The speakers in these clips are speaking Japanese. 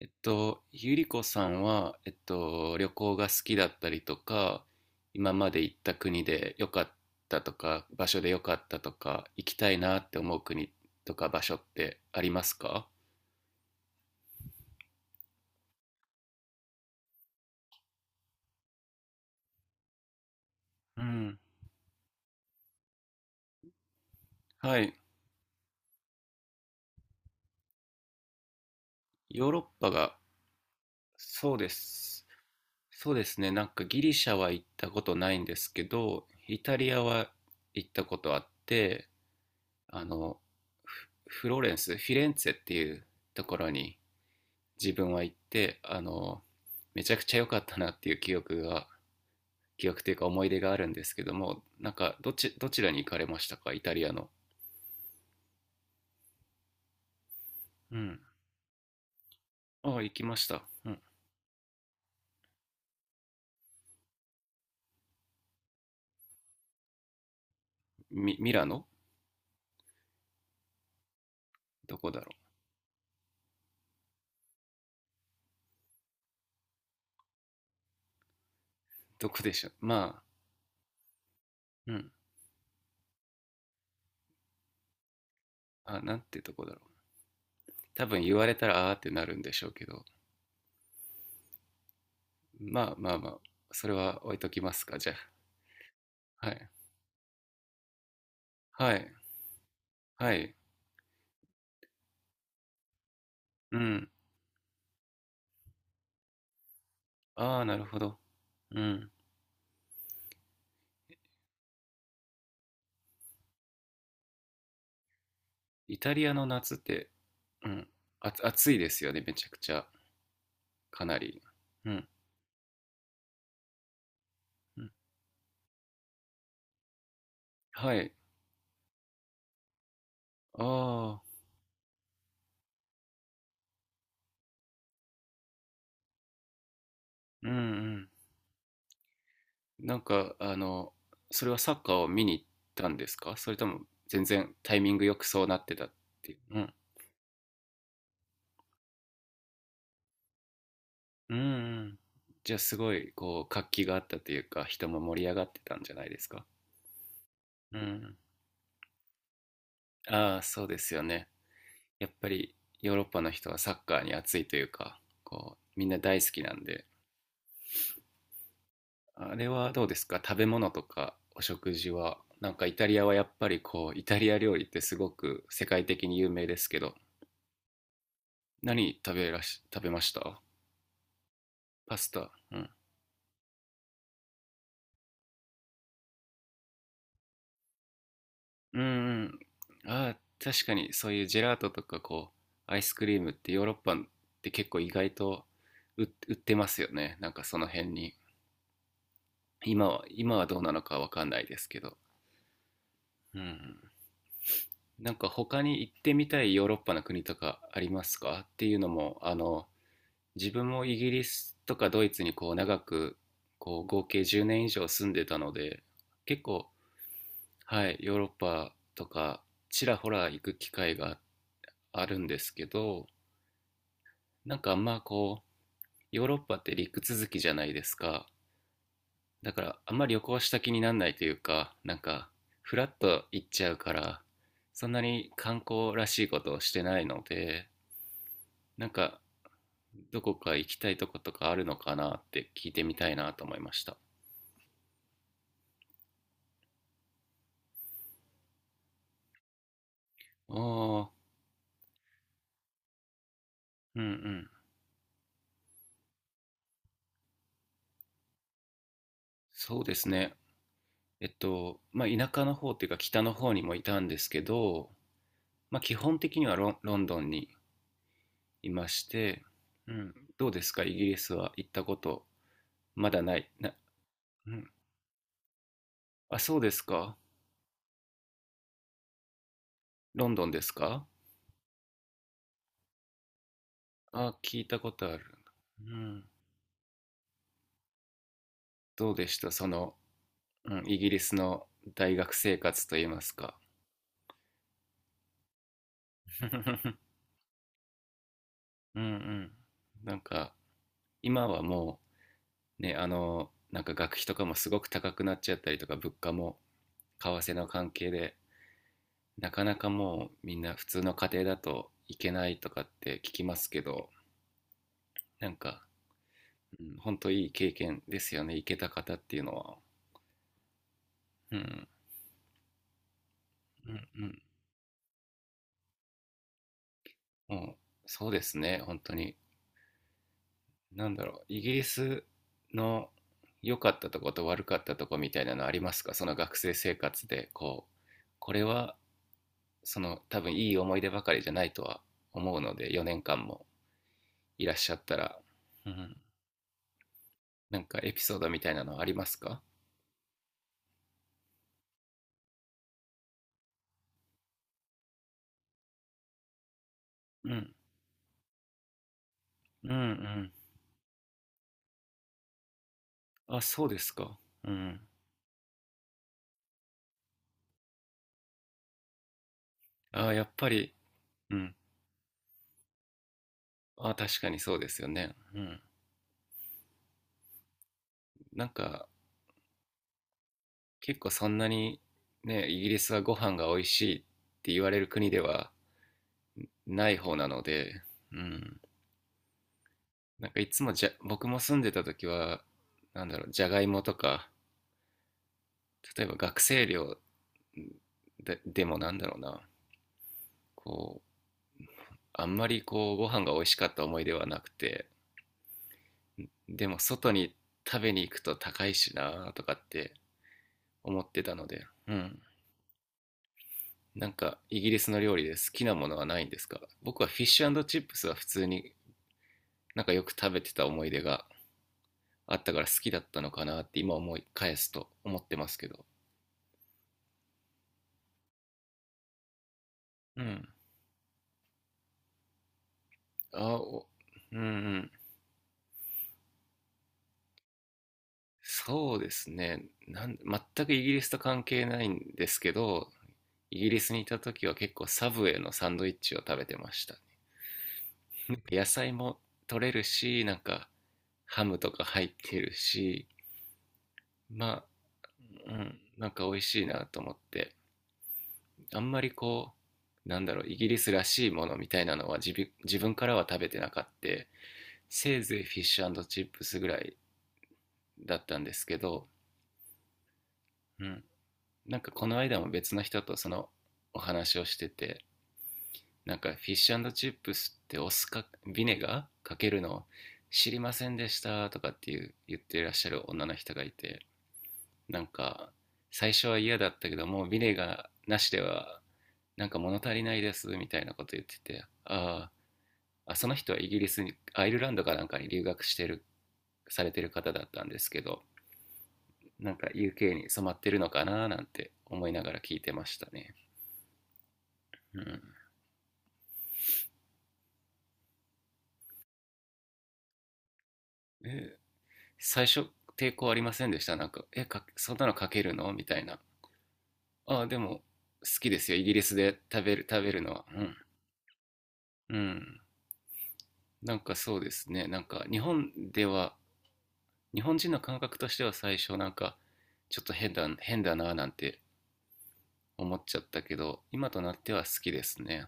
ゆりこさんは、旅行が好きだったりとか、今まで行った国で良かったとか、場所で良かったとか、行きたいなって思う国とか場所ってありますか？うん。はい、ヨーロッパが、そうです。そうですね、なんかギリシャは行ったことないんですけど、イタリアは行ったことあって、あの、フフローレンス、フィレンツェっていうところに自分は行ってめちゃくちゃ良かったなっていう記憶というか思い出があるんですけども、なんかどちらに行かれましたか、イタリアの。うん。ああ、行きました、うん。ミラノ。どこだろう。どこでしょう、まあ。うん。あ、なんてとこだろう。多分言われたらあーってなるんでしょうけど。まあまあまあ、それは置いときますか、じゃあ。はい、はい、はい。うん。ああ、なるほど。うん。イタリアの夏って、うん、あ、暑いですよね、めちゃくちゃ、かなり。うん、うん。はい。ああ、うんうん。なんか、それはサッカーを見に行ったんですか、それとも全然タイミングよくそうなってたっていう。うん。うんうん。じゃあすごい、こう、活気があったというか、人も盛り上がってたんじゃないですか？うん。ああ、そうですよね。やっぱりヨーロッパの人はサッカーに熱いというか、こう、みんな大好きなんで。あれはどうですか、食べ物とかお食事は。なんかイタリアはやっぱりこう、イタリア料理ってすごく世界的に有名ですけど、何食べらし、食べました？パスタ。うん。うんうん。ああ、確かにそういうジェラートとかこう、アイスクリームってヨーロッパって結構意外と売ってますよね。なんかその辺に。今はどうなのかわかんないですけど。うん。なんか他に行ってみたいヨーロッパの国とかありますかっていうのも、自分もイギリスとかドイツにこう長く、こう合計10年以上住んでたので結構、はい、ヨーロッパとかちらほら行く機会があるんですけど、なんかあんまこう、ヨーロッパって陸続きじゃないですか。だからあんまり旅行した気にならないというか、なんかフラッと行っちゃうから、そんなに観光らしいことをしてないので、なんかどこか行きたいとことかあるのかなって聞いてみたいなと思いました。ああ、うんうん。そうですね。まあ、田舎の方っていうか北の方にもいたんですけど、まあ、基本的にはロンドンにいまして、うん、どうですか、イギリスは行ったこと。まだない。うん。あ、そうですか。ロンドンですか。あ、聞いたことある。うん。どうでしたその、うん、イギリスの大学生活といいますか。うんうん。なんか、今はもう、ね、なんか学費とかもすごく高くなっちゃったりとか、物価も為替の関係で、なかなかもうみんな普通の家庭だと行けないとかって聞きますけど、なんか、うん、本当いい経験ですよね、行けた方っていうのは。うん、うん、うん。もう、そうですね、本当に。なんだろう、イギリスの良かったとこと悪かったとこみたいなのありますか、その学生生活で、こう、これはその、多分いい思い出ばかりじゃないとは思うので、4年間もいらっしゃったら。うん、なんかエピソードみたいなのありますか？うん、うんうん。あ、そうですか。うん。あ、やっぱり。うん、あ、確かにそうですよね。うん。なんか結構そんなに、ね、イギリスはご飯が美味しいって言われる国ではない方なので、うん、なんかいつもじゃ、僕も住んでた時はなんだろう、じゃがいもとか、例えば学生寮ででも、なんだろうな、こう、あんまりこうご飯が美味しかった思い出はなくて、でも外に食べに行くと高いしなとかって思ってたので、うん、なんかイギリスの料理で好きなものはないんですか？僕はフィッシュチップスは普通になんかよく食べてた思い出があったから好きだったのかなって今思い返すと思ってますけど。うん。あ、お、うんうん。そうですね、全くイギリスと関係ないんですけど、イギリスにいた時は結構サブウェイのサンドイッチを食べてました。野菜も取れるし、なんかハムとか入ってるし、まあ、うん、なんか美味しいなと思って、あんまりこう、なんだろう、イギリスらしいものみたいなのは自分からは食べてなかった。せいぜいフィッシュチップスぐらいだったんですけど、うん、なんかこの間も別の人とそのお話をしてて、なんかフィッシュチップスってお酢かビネガーかけるの知りませんでしたとかっていう言ってらっしゃる女の人がいて、なんか最初は嫌だったけどもうビネガーなしではなんか物足りないですみたいなこと言ってて、ああ、その人はイギリスに、アイルランドかなんかに留学してるされてる方だったんですけど、なんか UK に染まってるのかななんて思いながら聞いてましたね、うん、え、最初抵抗ありませんでした？なんか「え、か、そんなのかけるの？」みたいな。「ああでも好きですよ、イギリスで食べるのは」。うん。うん。なんかそうですね、なんか日本では日本人の感覚としては最初なんか、ちょっと変だななんて思っちゃったけど、今となっては好きですね。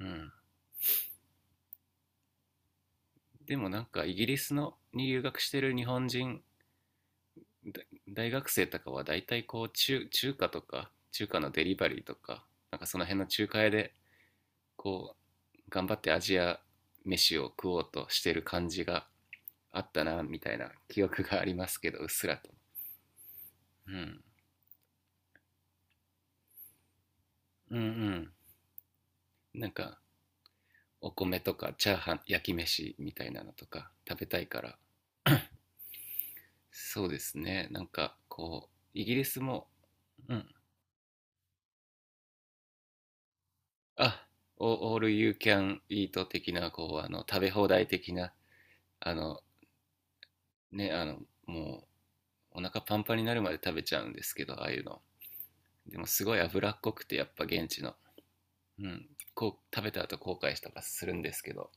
うん。でもなんかイギリスのに留学してる日本人大学生とかはだいたいこう、中華とか、中華のデリバリーとか、なんかその辺の中華屋でこう頑張ってアジア飯を食おうとしてる感じがあったな、みたいな記憶がありますけど、うっすらと。うん、うんうん。なんかお米とかチャーハン、焼き飯みたいなのとか食べたいから。そうですね、なんかこうイギリスも、うん、あ、オールユーキャンイート的な、こう、食べ放題的な、あのね、もうお腹パンパンになるまで食べちゃうんですけど、ああいうの。でもすごい脂っこくてやっぱ現地の、うん、こう食べた後、後悔したとかするんですけど、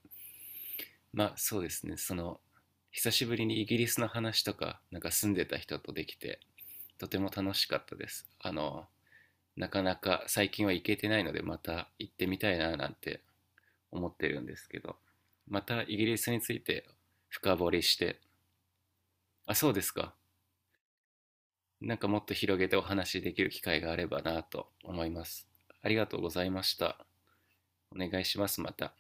まあそうですね、その久しぶりにイギリスの話とかなんか住んでた人とできて、とても楽しかったです。なかなか最近は行けてないのでまた行ってみたいななんて思ってるんですけど、またイギリスについて深掘りして。あ、そうですか。なんかもっと広げてお話しできる機会があればなと思います。ありがとうございました。お願いします、また。